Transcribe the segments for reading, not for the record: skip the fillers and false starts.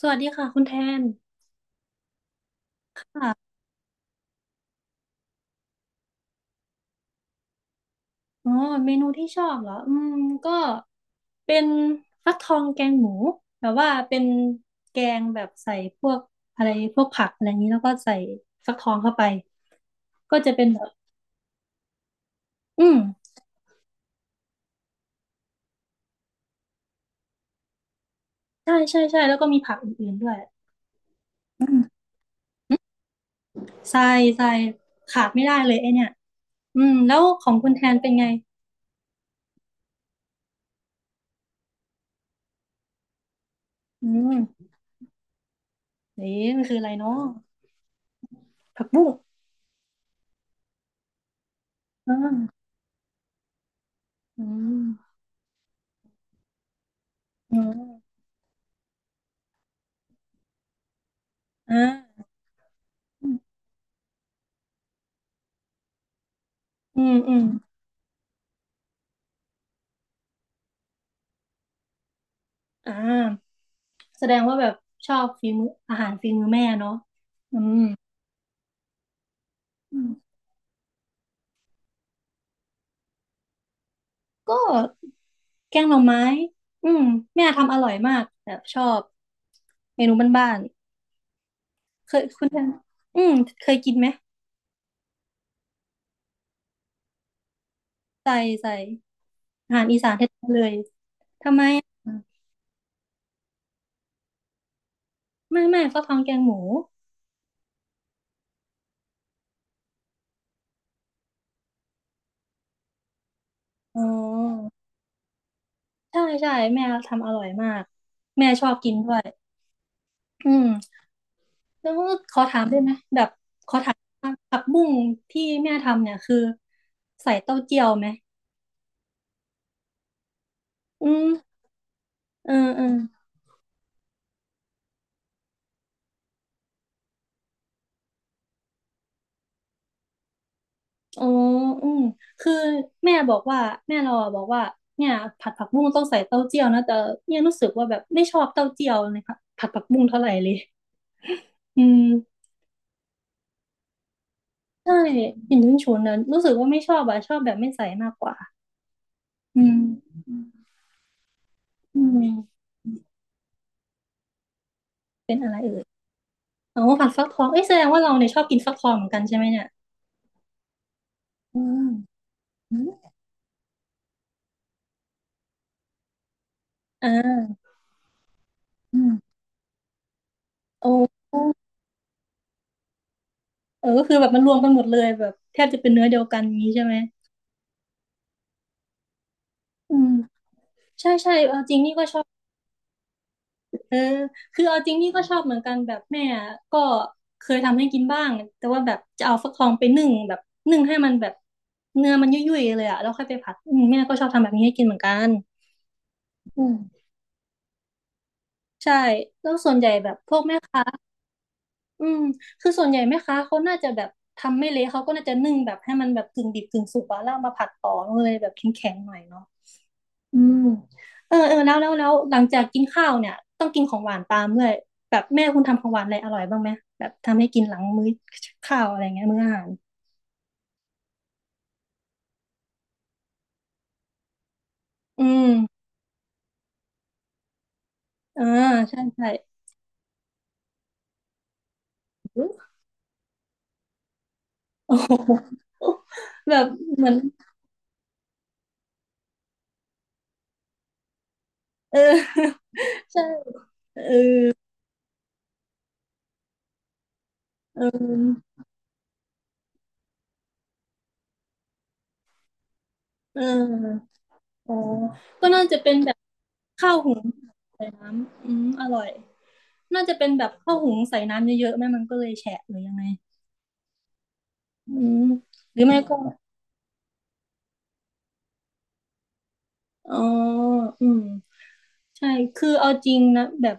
สวัสดีค่ะคุณแทนค่ะอ๋อเมนูที่ชอบเหรออืมก็เป็นฟักทองแกงหมูแบบว่าเป็นแกงแบบใส่พวกอะไรพวกผักอะไรอย่างนี้แล้วก็ใส่ฟักทองเข้าไปก็จะเป็นแบบอืมใช่ใช่ใช่แล้วก็มีผักอื่นๆด้วยอืมใส่ใส่ขาดไม่ได้เลยไอเนี่ยอืมแล้วของคุณแทนเป็นไงอืมนี่มันคืออะไรเนาะผักบุ้งอ่าอืมอืมอ่าอืมอืม อ่าแสดงว่าแบบชอบฝีมืออาหารฝีมือแม่เนาะอืมอืมก็แกงหน่อไม้อืมแม่ทำอร่อยมากแบบชอบเมนูบ้านๆเคยคุณแทนอืมเคยกินไหมใส่ใส่อาหารอีสานแท้ๆเลยทำไมอ่ะไม่ไม่ฟักทองแกงหมูอ๋อใช่ใช่แม่ทำอร่อยมากแม่ชอบกินด้วยอืม แล้วขอถามได้ไหมแบบขอถามว่าผักบุ้งที่แม่ทำเนี่ยคือใส่เต้าเจี้ยวไหมอืมเออเอออ๋ออืมคือแม่บอกว่าแม่เราบอกว่าเนี่ยผัดผักบุ้งต้องใส่เต้าเจี้ยวนะแต่เนี่ยรู้สึกว่าแบบไม่ชอบเต้าเจี้ยวในผัดผักบุ้งเท่าไหร่เลยอืมใช่กลิ่นฉุนๆนั้นรู้สึกว่าไม่ชอบชอบแบบไม่ใส่มากกว่าอืมอืมเป็นอะไรเอ่ยอ๋อผัดฟักทองเอ้ยแสดงว่าเราเนี่ยชอบกินฟักทองเหมือนกันใช่ไหมเนี่ยอืมอมอ่า อืมโอ้เออก็คือแบบมันรวมกันหมดเลยแบบแทบจะเป็นเนื้อเดียวกันอย่างนี้ใช่ไหมอืมใช่ใช่เอาจริงนี่ก็ชอบเออคือเอาจริงนี่ก็ชอบเหมือนกันแบบแม่ก็เคยทำให้กินบ้าง แต่ว่าแบบจะเอาฟักทองไปนึ่งแบบนึ่งให้มันแบบเนื้อมันยุ่ยๆเลยแล้วค่อยไปผัดอืมแม่ก็ชอบทำแบบนี้ให้กินเหมือนกันอืมใช่แล้วส่วนใหญ่แบบพวกแม่ค้าอืมคือส่วนใหญ่แม่ค้าเขาน่าจะแบบทำไม่เละเขาก็น่าจะนึ่งแบบให้มันแบบกึ่งดิบกึ่งสุกแล้วเอามาผัดต่อมันเลยแบบแข็งๆหน่อยเนาะ อืมเออเออแล้วหลังจากกินข้าวเนี่ยต้องกินของหวานตามด้วยแบบแม่คุณทำของหวานอะไรอร่อยบ้างไหมแบบทำให้กินหลังมื้อข้าวอะไรเงี้ยมื้ออาหารอืมอ่าใช่ใช่ อืมโอ้โหแบบเหมือนเออ ใช่เออเอออ๋อก็น่าจะเป็นแบบข้าวหุงใส่น้ำอืมอร่อยน่าจะเป็นแบบข้าวหุงใส่น้ำเยอะๆแม่มันก็เลยแฉะหรือยังไงอืมหรือไม่ก็ อ๋ออืมใช่คือเอาจริงนะแบบ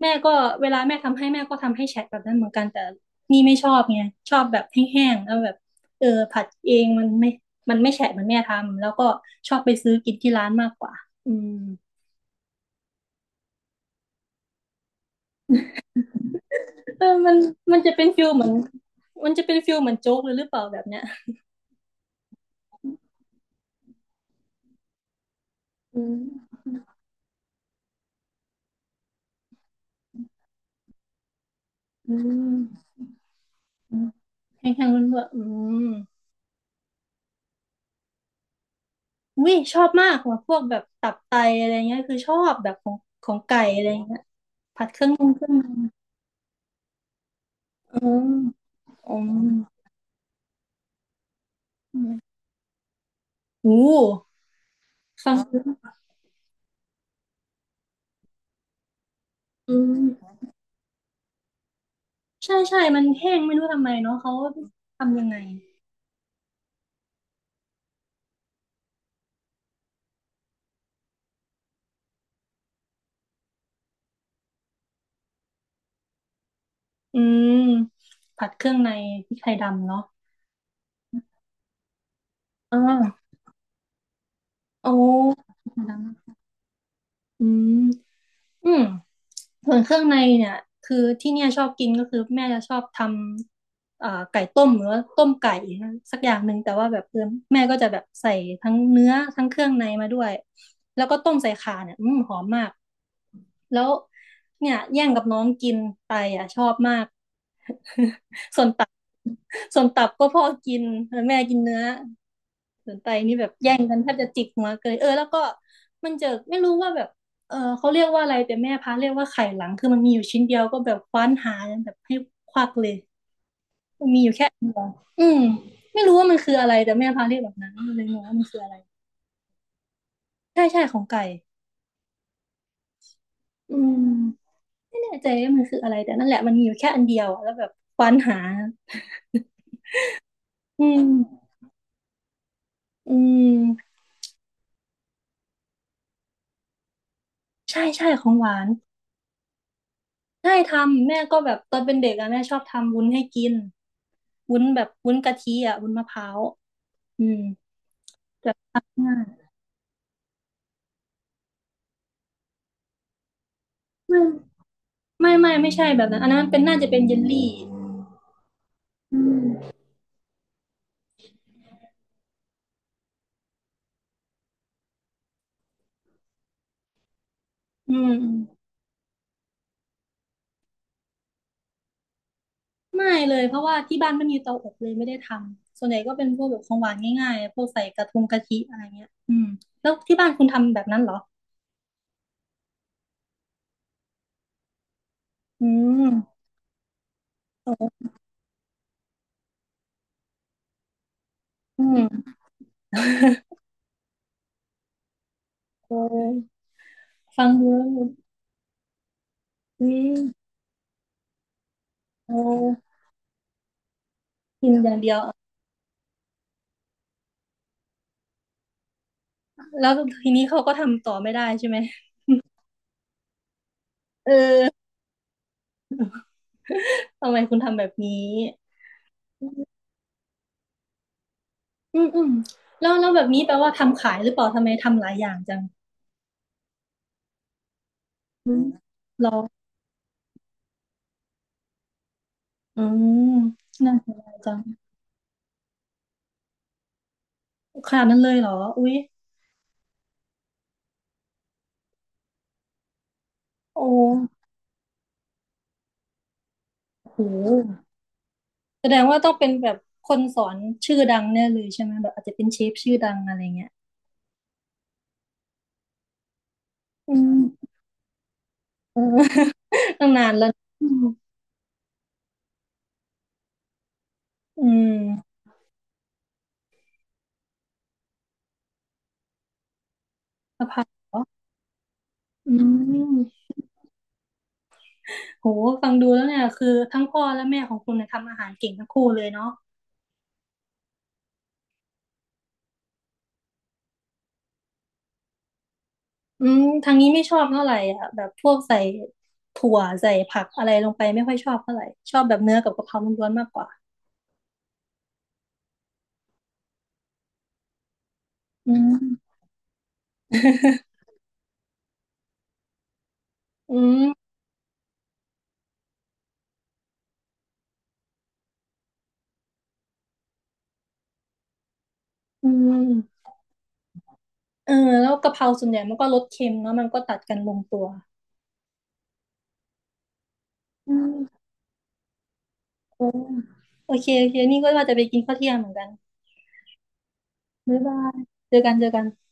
แม่ก็เวลาแม่ทำให้แม่ก็ทำให้แฉะแบบนั้นเหมือนกันแต่นี่ไม่ชอบไงชอบแบบแห้งๆแล้วแบบเออผัดเองมันไม่มันไม่แฉะเหมือนแม่ทำแล้วก็ชอบไปซื้อกินที่ร้านมากกว่าอืมเออมันมันจะเป็นฟิลเหมือนมันจะเป็นฟิลเหมือนโจ๊กเลยหรือเปล่าแบบเนี้ยอืมอืมแข็งๆมันแบบอืมวิชอบมากว่ะพวกแบบตับไตอะไรเงี้ยคือชอบแบบของของไก่อะไรเงี้ย พุ่งขึ้นมาอ๋ออ๋ออืมโอ้ฟังดูอืมใช่ใช่มันแห้งไม่รู้ทำไมเนาะเขาทำยังไงอืมผัดเครื่องในพริกไทยดำเนาะอ่าโอ้พริกไทยดำนะอืมอืมส่วนเครื่องในเนี่ยคือที่เนี่ยชอบกินก็คือแม่จะชอบทำไก่ต้มหรือว่าต้มไก่นะสักอย่างหนึ่งแต่ว่าแบบเออแม่ก็จะแบบใส่ทั้งเนื้อทั้งเครื่องในมาด้วยแล้วก็ต้มใส่ข่าเนี่ยอืมหอมมาก แล้วเนี่ยแย่งกับน้องกินไปชอบมาก ส่วนตับส่วนตับก็พ่อกินแล้วแม่กินเนื้อส่วนไตนี่แบบแย่งกันแทบจะจิกหัวเกยเออแล้วก็มันเจอไม่รู้ว่าแบบเออเขาเรียกว่าอะไรแต่แม่พาเรียกว่าไข่หลังคือมันมีอยู่ชิ้นเดียวก็แบบคว้านหากัแบบให้ควักเลยอืมไม่รู้ว่ามันคืออะไรแต่แม่พาเรียกแบบนั้นเลยงงว่ามันคืออะไรใช่ใช่ของไก่อืม ไม่แน่ใจว่ามันคืออะไรแต่นั่นแหละมันมีอยู่แค่อันเดียวแล้วแบบควานหาอืมอืมใช่ใช่ของหวานใช่ทำแม่ก็แบบตอนเป็นเด็กแม่ชอบทำวุ้นให้กินวุ้นแบบวุ้นกะทิอะวุ้นมะพร้าวอืมแบบทำง่ายไม่ไม่ไม่ใช่แบบนั้นอันนั้นเป็นน่าจะเป็นเยลลี่อืมอืมอืมไม่เลยเพราะว่าที่บ้านไม่มีเตาอบเลยไม่ได้ทำส่วนใหญ่ก็เป็นพวกแบบของหวานง่ายๆพวกใส่กระทงกะทิอะไรเงี้ยอืมแล้วที่บ้านคุณทำแบบนั้นเหรอ อืมอืมโอ้ฟังดูแล้วอืมโอ้กินอย่างเดียวแล้วทีนี้เขาก็ทำต่อไม่ได้ใช่ไหมเออทำไมคุณทำแบบนี้อืมอืมแล้วแบบนี้แปลว่าทำขายหรือเปล่าทำไมทำหลายอย่างจังอืมเราอืมน่าเสียดายจังขนาดนั้นเลยเหรออุ๊ยโอ้โหแสดงว่าต้องเป็นแบบคนสอนชื่อดังแน่เลยใช่ไหมแบบอาจจะเป็นเชฟชื่อดังอะไรเงี้ยอืมเออ ตั้งนานแล้ว อืมสะพานเหรออืมโหฟังดูแล้วเนี่ยคือทั้งพ่อและแม่ของคุณเนี่ยทำอาหารเก่งทั้งคู่เลยเนาะอืมทางนี้ไม่ชอบเท่าไหร่อ่ะแบบพวกใส่ถั่วใส่ผักอะไรลงไปไม่ค่อยชอบเท่าไหร่ชอบแบบเนื้อกับกะเพราล้วนๆมากกว่าอืมอืมอืมเออแล้วกะเพราส่วนใหญ่มันก็รสเค็มเนาะมันก็ตัดกันลงตัวอืมโอโอเคโอเคนี่ก็ว่าจะไปกินข้าวเที่ยงเหมือนกันบ๊ายบายเจอกันเจอกัน